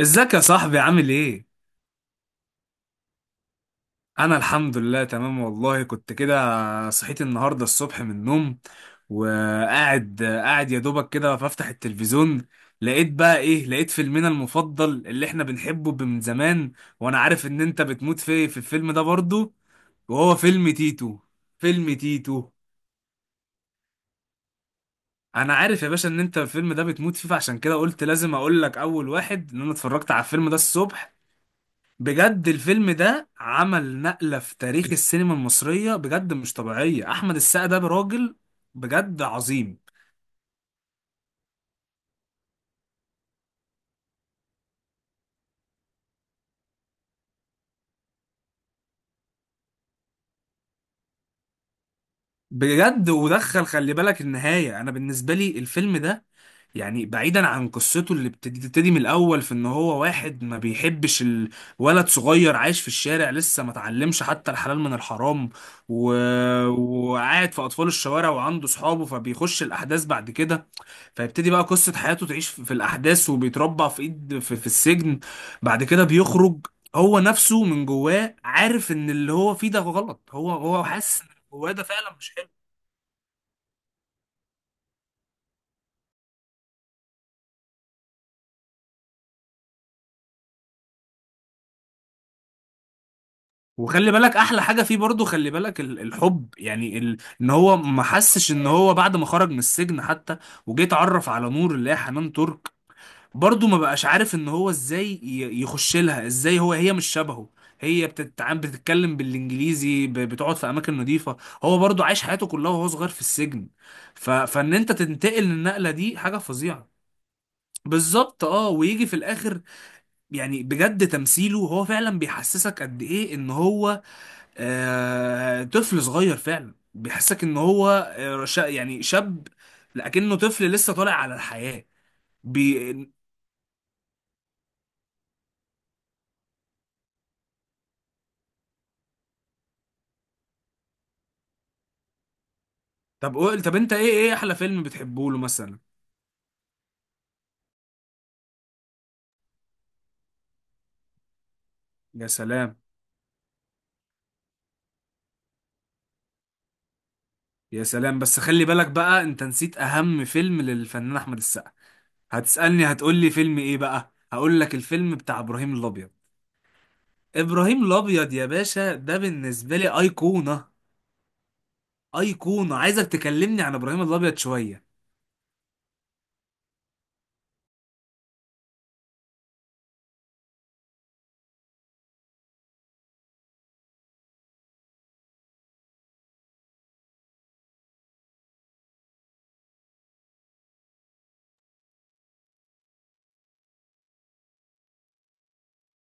ازيك يا صاحبي؟ عامل ايه؟ انا الحمد لله تمام والله. كنت كده صحيت النهارده الصبح من النوم، وقاعد يا دوبك كده بفتح التلفزيون، لقيت بقى ايه؟ لقيت فيلمنا المفضل اللي احنا بنحبه من زمان. وانا عارف ان انت بتموت في الفيلم ده برضو. وهو فيلم تيتو. فيلم تيتو انا عارف يا باشا ان انت الفيلم ده بتموت فيه، فعشان كده قلت لازم اقول لك اول واحد ان انا اتفرجت على الفيلم ده الصبح. بجد الفيلم ده عمل نقلة في تاريخ السينما المصرية، بجد مش طبيعية. أحمد السقا ده راجل بجد عظيم. بجد ودخل خلي بالك النهاية. أنا بالنسبة لي الفيلم ده يعني بعيدا عن قصته اللي بتبتدي من الأول، في إن هو واحد ما بيحبش، الولد صغير عايش في الشارع، لسه ما اتعلمش حتى الحلال من الحرام. و... وقاعد في أطفال الشوارع وعنده صحابه، فبيخش الأحداث بعد كده. فيبتدي بقى قصة حياته تعيش في الأحداث، وبيتربى في إيد في السجن. بعد كده بيخرج. هو نفسه من جواه عارف إن اللي هو فيه ده غلط، هو حاسس إن اللي جواه ده فعلا مش حلو. وخلي بالك أحلى حاجة فيه برضه، خلي بالك الحب، يعني إن هو ما حسش. إن هو بعد ما خرج من السجن حتى وجيت اتعرف على نور اللي هي حنان ترك، برضه ما بقاش عارف ان هو ازاي يخش لها ازاي. هو هي مش شبهه، هي بتتعامل بتتكلم بالانجليزي، بتقعد في اماكن نظيفه. هو برضه عايش حياته كلها وهو صغير في السجن. فان انت تنتقل للنقله دي حاجه فظيعه. بالظبط اه. ويجي في الاخر، يعني بجد تمثيله هو فعلا بيحسسك قد ايه ان هو طفل صغير. فعلا بيحسسك ان هو، يعني شاب، لكنه طفل لسه طالع على الحياه. طب قول، طب انت ايه، احلى فيلم بتحبه له مثلا؟ يا سلام يا سلام. بس خلي بالك بقى، انت نسيت اهم فيلم للفنان احمد السقا. هتسألني هتقول لي فيلم ايه بقى؟ هقول لك الفيلم بتاع ابراهيم الابيض. ابراهيم الابيض يا باشا ده بالنسبة لي ايقونة. ايقونة. عايزك تكلمني عن ابراهيم الابيض شوية.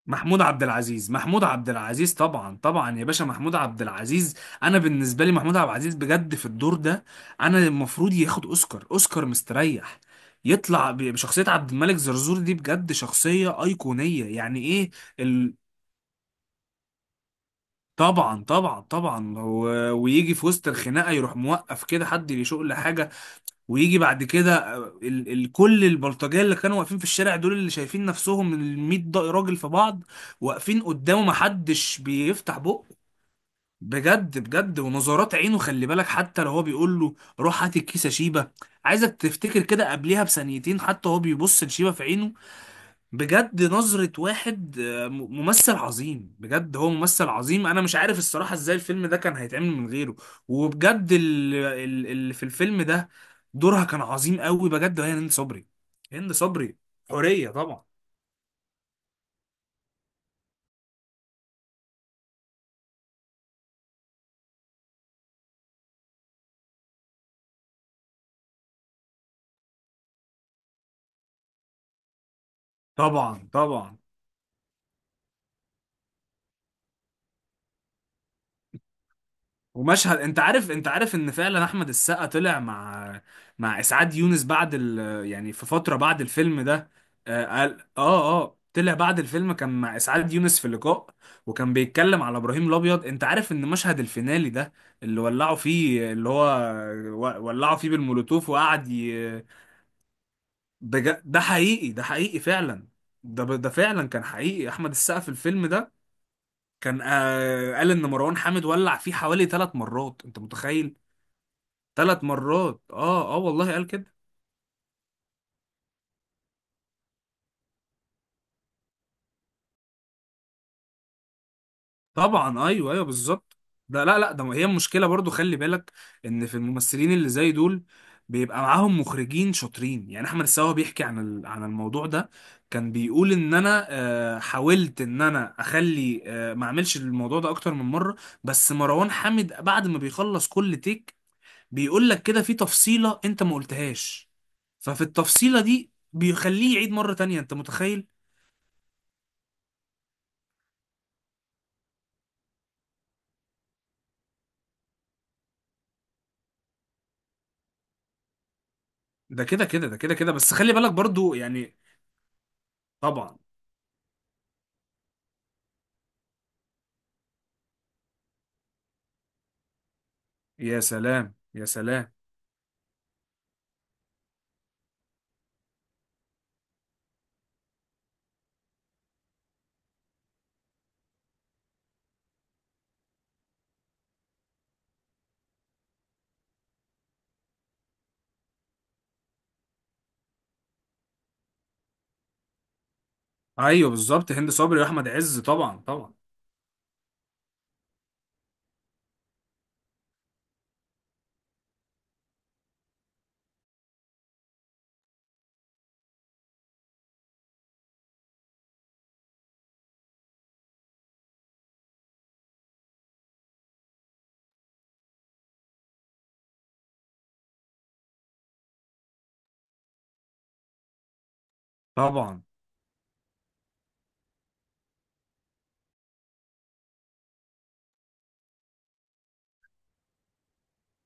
محمود عبد العزيز، طبعا طبعا يا باشا محمود عبد العزيز. انا بالنسبه لي محمود عبد العزيز بجد في الدور ده انا المفروض ياخد اوسكار، اوسكار مستريح. يطلع بشخصيه عبد الملك زرزور دي، بجد شخصيه ايقونيه. يعني ايه ال... طبعا طبعا طبعا. ويجي في وسط الخناقه يروح موقف كده، حد يشق لحاجه؟ ويجي بعد كده آه، ال ال كل البلطجيه اللي كانوا واقفين في الشارع دول اللي شايفين نفسهم ال 100 راجل في بعض، واقفين قدامه محدش بيفتح بقه. بجد بجد، ونظرات عينه خلي بالك، حتى لو هو بيقول له روح هات الكيسه شيبه، عايزك تفتكر كده قبليها بثانيتين، حتى هو بيبص لشيبه في عينه، بجد نظرة واحد ممثل عظيم. بجد هو ممثل عظيم، انا مش عارف الصراحة ازاي الفيلم ده كان هيتعمل من غيره. وبجد اللي في الفيلم ده دورها كان عظيم قوي بجد هي هند صبري. هند صبري حورية، طبعا طبعا طبعا. ومشهد، انت عارف، انت عارف ان فعلا احمد السقا طلع مع، مع اسعاد يونس بعد يعني في فتره بعد الفيلم ده. آه قال اه اه، طلع بعد الفيلم كان مع اسعاد يونس في لقاء، وكان بيتكلم على ابراهيم الابيض. انت عارف ان مشهد الفينالي ده اللي ولعوا فيه اللي هو ولعوا فيه بالمولوتوف وقعد ده حقيقي، ده حقيقي فعلا. ده فعلا كان حقيقي. احمد السقا في الفيلم ده كان آه قال ان مروان حامد ولع فيه حوالي ثلاث مرات، انت متخيل؟ ثلاث مرات اه اه والله قال كده. طبعا ايوه ايوه بالظبط. ده لا لا، ده هي المشكله برضو خلي بالك، ان في الممثلين اللي زي دول بيبقى معاهم مخرجين شاطرين. يعني احمد السقا بيحكي عن عن الموضوع ده، كان بيقول ان انا حاولت ان انا اخلي ما اعملش الموضوع ده اكتر من مره، بس مروان حامد بعد ما بيخلص كل تيك بيقول لك كده في تفصيله انت ما قلتهاش، ففي التفصيله دي بيخليه يعيد مره تانية، انت متخيل؟ ده كده كده، بس خلي بالك برضو يعني. طبعا. يا سلام يا سلام. ايوه بالظبط، هند صبري واحمد عز، طبعا طبعا طبعا.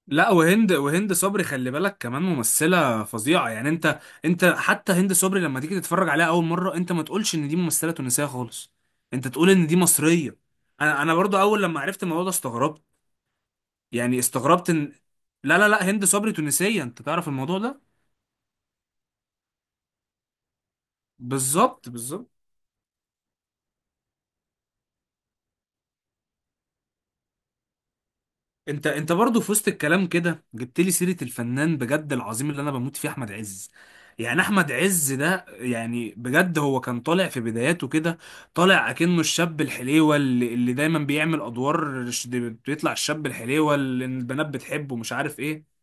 لا، وهند صبري خلي بالك كمان ممثلة فظيعة. يعني انت، انت حتى هند صبري لما تيجي تتفرج عليها اول مرة انت ما تقولش ان دي ممثلة تونسية خالص، انت تقول ان دي مصرية. انا برضو اول لما عرفت الموضوع ده استغربت، يعني استغربت ان، لا لا لا، هند صبري تونسية، انت تعرف الموضوع ده؟ بالظبط بالظبط. انت انت برضه في وسط الكلام كده جبت لي سيره الفنان بجد العظيم اللي انا بموت فيه، احمد عز. يعني احمد عز ده يعني بجد هو كان طالع في بداياته كده، طالع اكنه الشاب الحليوه اللي دايما بيعمل ادوار بيطلع الشاب الحليوه اللي البنات بتحبه ومش عارف ايه.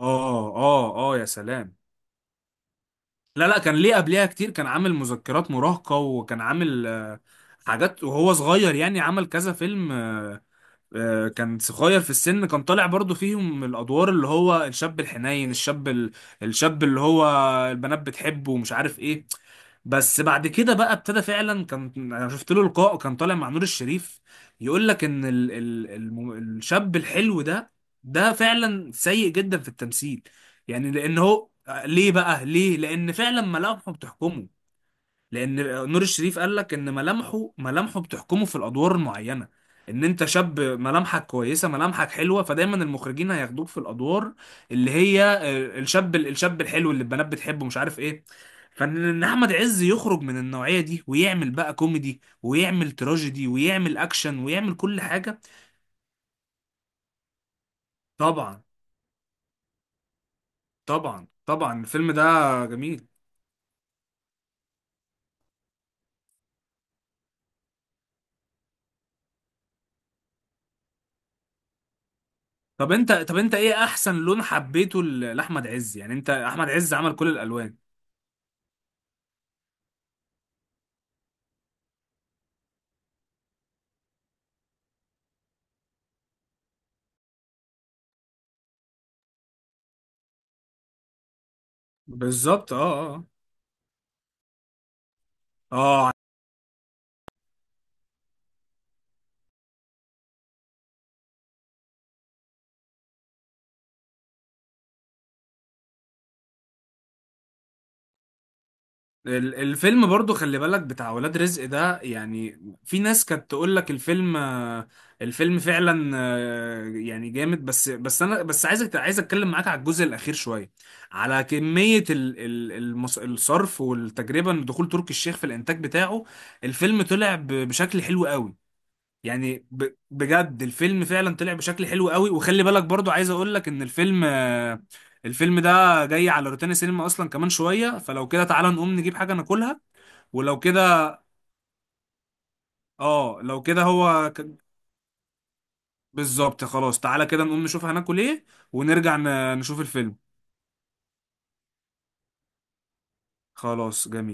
اه اه اه يا سلام. لا لا، كان ليه قبلها كتير، كان عامل مذكرات مراهقه وكان عامل حاجات وهو صغير، يعني عمل كذا فيلم كان صغير في السن، كان طالع برضو فيهم الادوار اللي هو الشاب الحنين، الشاب الشاب اللي هو البنات بتحبه ومش عارف ايه. بس بعد كده بقى ابتدى فعلا، كان انا شفت له لقاء كان طالع مع نور الشريف، يقول لك ان الشاب الحلو ده ده فعلا سيء جدا في التمثيل. يعني لان هو، ليه بقى؟ ليه؟ لان فعلا ملامحه بتحكمه. لان نور الشريف قال لك ان ملامحه، بتحكمه في الادوار المعينه، ان انت شاب ملامحك كويسه، ملامحك حلوه، فدايما المخرجين هياخدوك في الادوار اللي هي الشاب، الحلو اللي البنات بتحبه مش عارف ايه. فان إن احمد عز يخرج من النوعيه دي ويعمل بقى كوميدي ويعمل تراجيدي ويعمل اكشن ويعمل كل حاجه. طبعا طبعا طبعا. الفيلم ده جميل. طب انت، ايه احسن لون حبيته لاحمد عز؟ يعني انت احمد عز عمل كل الالوان. بالظبط اه اه اه. الفيلم برضو خلي بالك بتاع ولاد رزق ده، يعني في ناس كانت تقول لك الفيلم الفيلم فعلا يعني جامد، بس انا بس عايزك، عايز اتكلم معاك على الجزء الاخير شويه، على كميه ال ال الصرف والتجربه، ان دخول تركي الشيخ في الانتاج بتاعه الفيلم طلع بشكل حلو قوي. يعني بجد الفيلم فعلا طلع بشكل حلو قوي. وخلي بالك برضو عايز اقول لك ان الفيلم الفيلم ده جاي على روتانا سينما اصلا كمان شوية، فلو كده تعالى نقوم نجيب حاجة ناكلها. ولو كده، اه لو كده هو بالظبط خلاص، تعالى كده نقوم نشوف هناكل ايه، ونرجع نشوف الفيلم. خلاص جميل.